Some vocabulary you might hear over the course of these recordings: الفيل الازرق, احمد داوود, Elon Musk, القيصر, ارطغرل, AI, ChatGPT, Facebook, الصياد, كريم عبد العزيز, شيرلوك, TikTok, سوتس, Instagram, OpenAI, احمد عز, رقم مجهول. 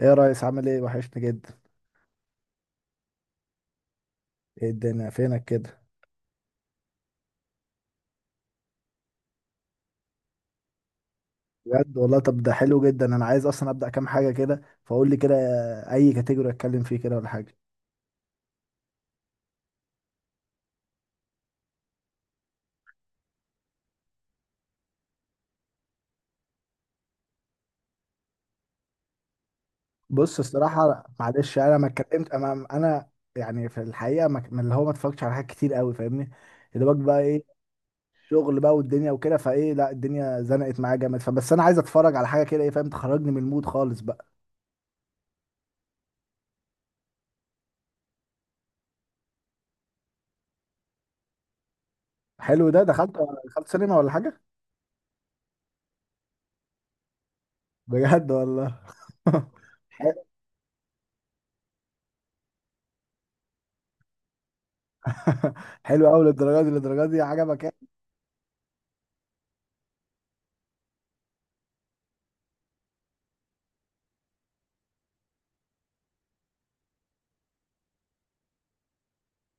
ايه يا ريس، عامل ايه؟ وحشني جدا. ايه الدنيا فينك كده؟ بجد والله. طب ده حلو جدا، انا عايز اصلا ابدا كام حاجه كده، فقول لي كده اي كاتيجوري اتكلم فيه كده ولا حاجه. بص الصراحه، معلش يعني انا ما اتكلمت، انا يعني في الحقيقه من اللي هو ما اتفرجتش على حاجات كتير قوي فاهمني، يا دوبك بقى ايه، شغل بقى والدنيا وكده. فايه، لا الدنيا زنقت معايا جامد، فبس انا عايز اتفرج على حاجه كده ايه فاهم، تخرجني من المود خالص بقى. حلو ده. دخلت، دخلت سينما ولا حاجه؟ بجد والله. حلو قوي للدرجه دي للدرجه دي؟ عجبك يعني.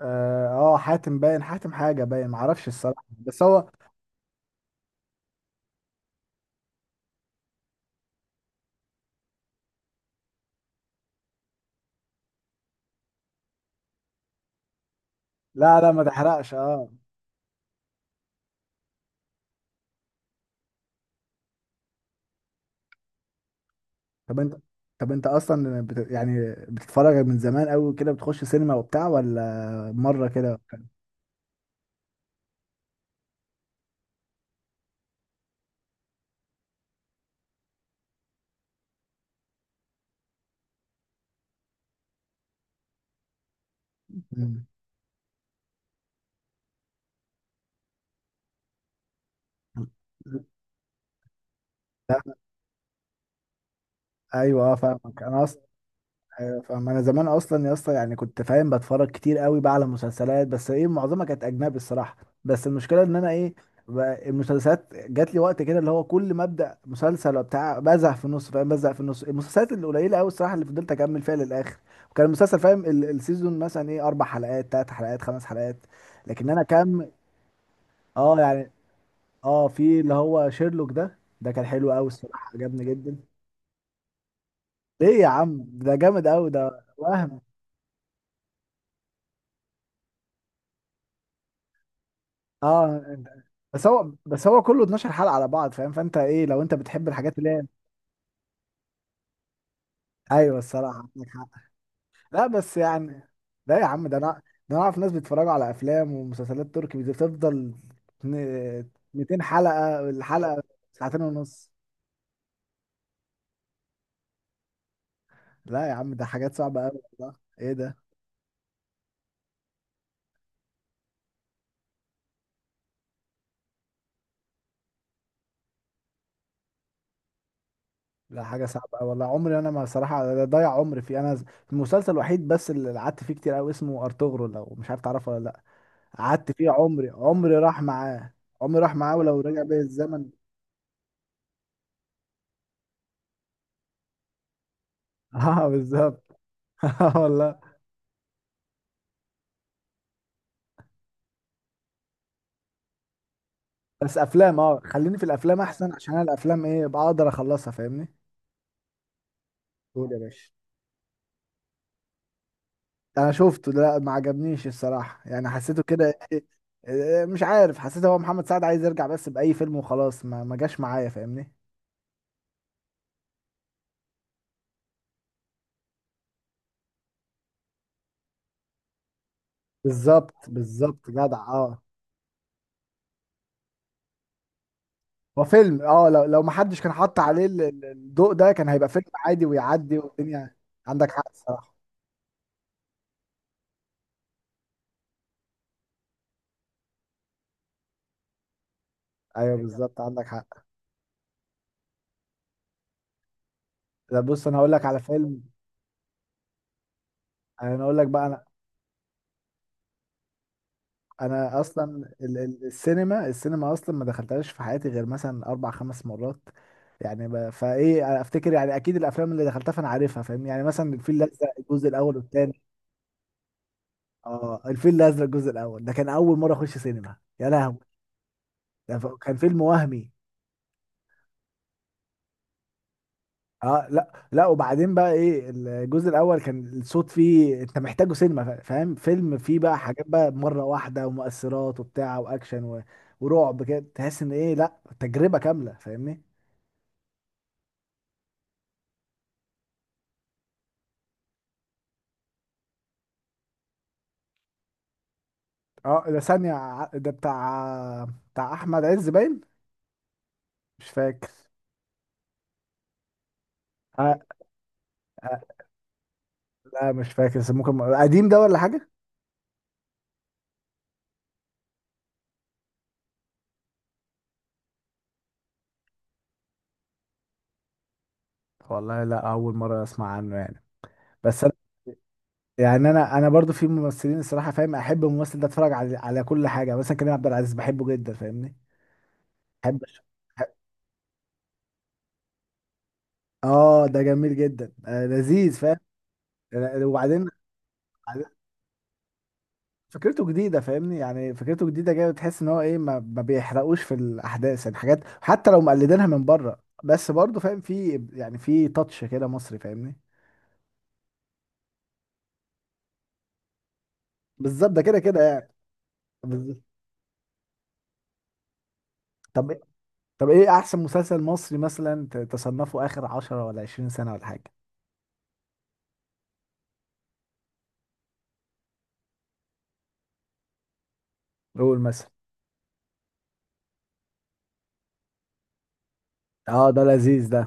اه. آه، حاتم باين، حاتم حاجه باين، معرفش الصراحه بس هو. لا لا ما تحرقش، اه. طب انت. طب انت اصلا يعني بتتفرج من زمان قوي كده؟ بتخش سينما وبتاع ولا مره كده؟ مم. لا. ايوه، اه فاهمك انا. ايوه فاهم انا، زمان اصلا يا اسطى يعني كنت فاهم بتفرج كتير قوي بقى على مسلسلات، بس ايه معظمها كانت اجنبي الصراحه. بس المشكله ان انا ايه، بقى المسلسلات جات لي وقت كده اللي هو كل ما ابدا مسلسل وبتاع بزهق في النص، فاهم، بزهق في النص. المسلسلات القليله قوي الصراحه اللي فضلت اكمل فيها للاخر، وكان المسلسل فاهم السيزون مثلا ايه اربع حلقات، ثلاث حلقات، خمس حلقات. لكن انا كام، اه يعني. اه في اللي هو شيرلوك ده كان حلو قوي الصراحه، عجبني جدا. ليه يا عم؟ ده جامد قوي ده، وهم. اه بس هو كله 12 حلقة على بعض فاهم، فانت ايه لو انت بتحب الحاجات اللي هي. ايوه الصراحة عندك حق. لا بس يعني. لا يا عم، ده انا، ده انا اعرف ناس بيتفرجوا على افلام ومسلسلات تركي بتفضل. اتن- 200 حلقة الحلقة، ساعتين ونص. لا يا عم ده حاجات صعبة قوي والله، ايه ده. لا حاجة صعبة قوي والله، عمري انا ما صراحة ده ضيع عمري فيه انا. المسلسل الوحيد بس اللي قعدت فيه كتير قوي اسمه ارطغرل، لو مش عارف تعرفه ولا لا. قعدت فيه، عمري راح معاه، عمري راح معاه، ولو رجع بيا الزمن. اه بالظبط. آه والله. بس افلام، اه خليني في الافلام احسن، عشان انا الافلام ايه بقدر اخلصها فاهمني. قول يا باشا. انا شفته ده، لا ما عجبنيش الصراحه، يعني حسيته كده إيه، إيه مش عارف. حسيت هو محمد سعد عايز يرجع بس باي فيلم وخلاص، ما جاش معايا فاهمني. بالظبط بالظبط، جدع اه. هو فيلم، اه لو ما حدش كان حط عليه الضوء ده، كان هيبقى فيلم عادي ويعدي والدنيا. عندك حق الصراحه. ايوه بالظبط عندك حق. لا بص، انا هقول لك على فيلم. انا هقول لك بقى انا، انا اصلا ال السينما اصلا ما دخلتهاش في حياتي غير مثلا اربع خمس مرات. فايه افتكر، يعني اكيد الافلام اللي دخلتها فانا عارفها فاهم، يعني مثلا الفيل الازرق الجزء الاول والثاني. اه الفيل الازرق الجزء الاول، ده كان اول مره اخش سينما، يا لهوي. كان فيلم وهمي. اه لا لا، وبعدين بقى ايه، الجزء الاول كان الصوت فيه انت محتاجه سينما، فاهم، فيلم فيه بقى حاجات بقى مره واحده، ومؤثرات وبتاع واكشن و... ورعب كده، تحس ان ايه لا تجربه كامله فاهمني. اه ده ثانيه، ده بتاع احمد عز باين، مش فاكر. آه. آه. لا مش فاكر، بس ممكن قديم ده ولا حاجه. والله لا، اول مره اسمع عنه يعني. بس انا، يعني انا برضو في ممثلين الصراحه فاهم، احب الممثل ده اتفرج على كل حاجه، مثلا كريم عبد العزيز بحبه جدا فاهمني. بحب أش- اه ده جميل جدا، آه لذيذ فاهم. آه، وبعدين، بعدين فكرته جديده فاهمني، يعني فكرته جديده جايه وتحس ان هو ايه ما بيحرقوش في الاحداث، يعني حاجات حتى لو مقلدينها من بره بس برضه فاهم في يعني في تاتش كده مصري فاهمني. بالظبط، ده كده كده يعني. بالظبط. طب طب ايه احسن مسلسل مصري مثلا تصنفه اخر 10 ولا 20 سنه ولا حاجه؟ قول مثلا. اه ده لذيذ ده،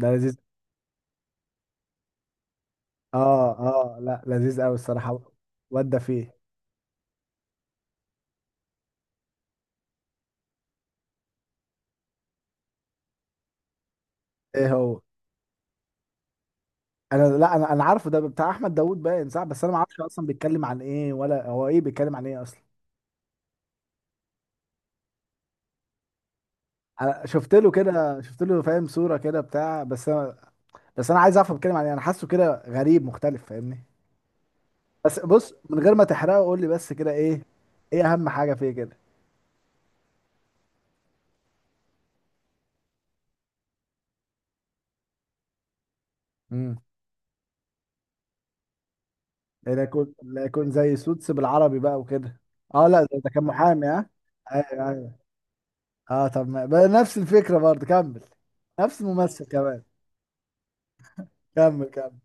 ده لذيذ. اه. اه لا لذيذ قوي الصراحه. ودى فيه. ايه هو؟ انا، لا انا عارفه ده بتاع احمد داوود باين صح، بس انا ما اعرفش اصلا بيتكلم عن ايه، ولا هو ايه بيتكلم عن ايه اصلا. انا شفت له كده، شفت له فاهم صوره كده بتاع، بس انا، بس انا عايز اعرف هو بيتكلم عن ايه، انا حاسه كده غريب مختلف فاهمني. بس بص، من غير ما تحرقه قول لي بس كده ايه، ايه اهم حاجه فيه كده. امم لا يكون زي سوتس بالعربي بقى وكده. اه لا ده كان محامي، ها؟ ايوه ايوه. اه طب ما بقى نفس الفكره برضه، كمل. نفس الممثل كمان. كمل كمل.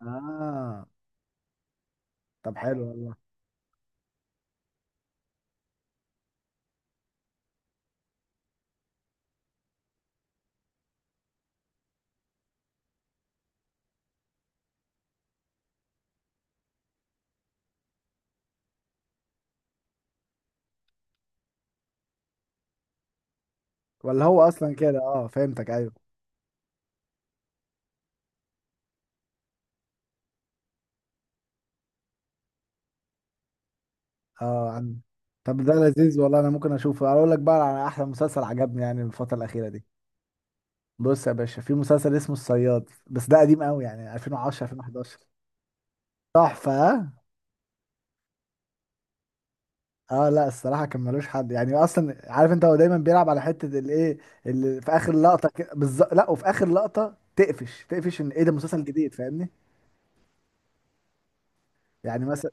اه طب حلو والله. ولا هو اصلا كده، اه فهمتك، ايوه. اه عن. طب ده لذيذ والله، انا ممكن اشوفه. اقول لك بقى على احلى مسلسل عجبني يعني الفتره الاخيره دي. بص يا باشا، في مسلسل اسمه الصياد، بس ده قديم قوي يعني 2010، 2011. تحفه اه. آه، لا الصراحه كان ملوش حد، يعني اصلا عارف انت هو دايما بيلعب على حته الايه، اللي في اخر لقطه كده بالظبط. لا، وفي اخر لقطه تقفش تقفش ان ايه ده مسلسل جديد فاهمني. يعني مثلا.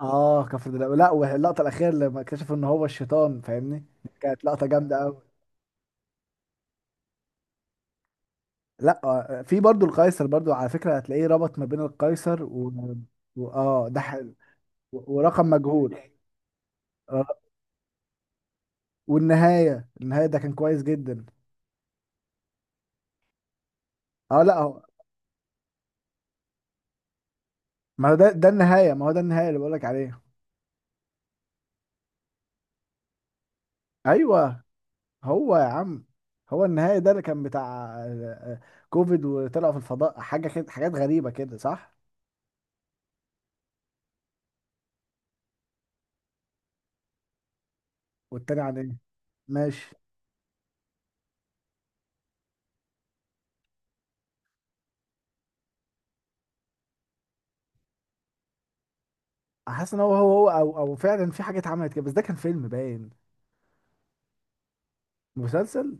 اه كفر دلوقتي، لا واللقطه الاخيره لما اكتشفوا ان هو الشيطان فاهمني، كانت لقطه جامده قوي. لا آه، في برضو القيصر برضو، على فكرة هتلاقيه ربط ما بين القيصر و، و، اه ورقم مجهول. آه. والنهاية، النهاية ده كان كويس جدا. اه لا هو، ما هو ده النهاية، اللي بقولك عليه. ايوه، هو يا عم، هو النهاية ده اللي كان بتاع آه، آه، كوفيد، وطلعوا في الفضاء حاجة كده، حاجات غريبة كده، صح. والتاني عن ايه؟ ماشي. حاسس ان هو او فعلا في حاجة اتعملت كده، بس ده كان فيلم باين. مسلسل.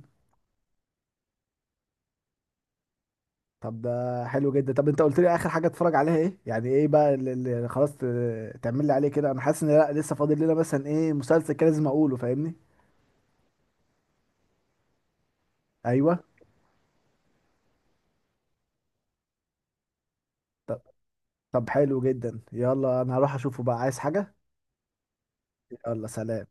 طب ده حلو جدا. طب انت قلت لي اخر حاجه اتفرج عليها ايه، يعني ايه بقى اللي خلاص تعمل لي عليه كده، انا حاسس ان لا لسه فاضل لنا مثلا ايه مسلسل كده لازم اقوله فاهمني. ايوه. طب. طب حلو جدا، يلا انا هروح اشوفه بقى، عايز حاجه. يلا سلام.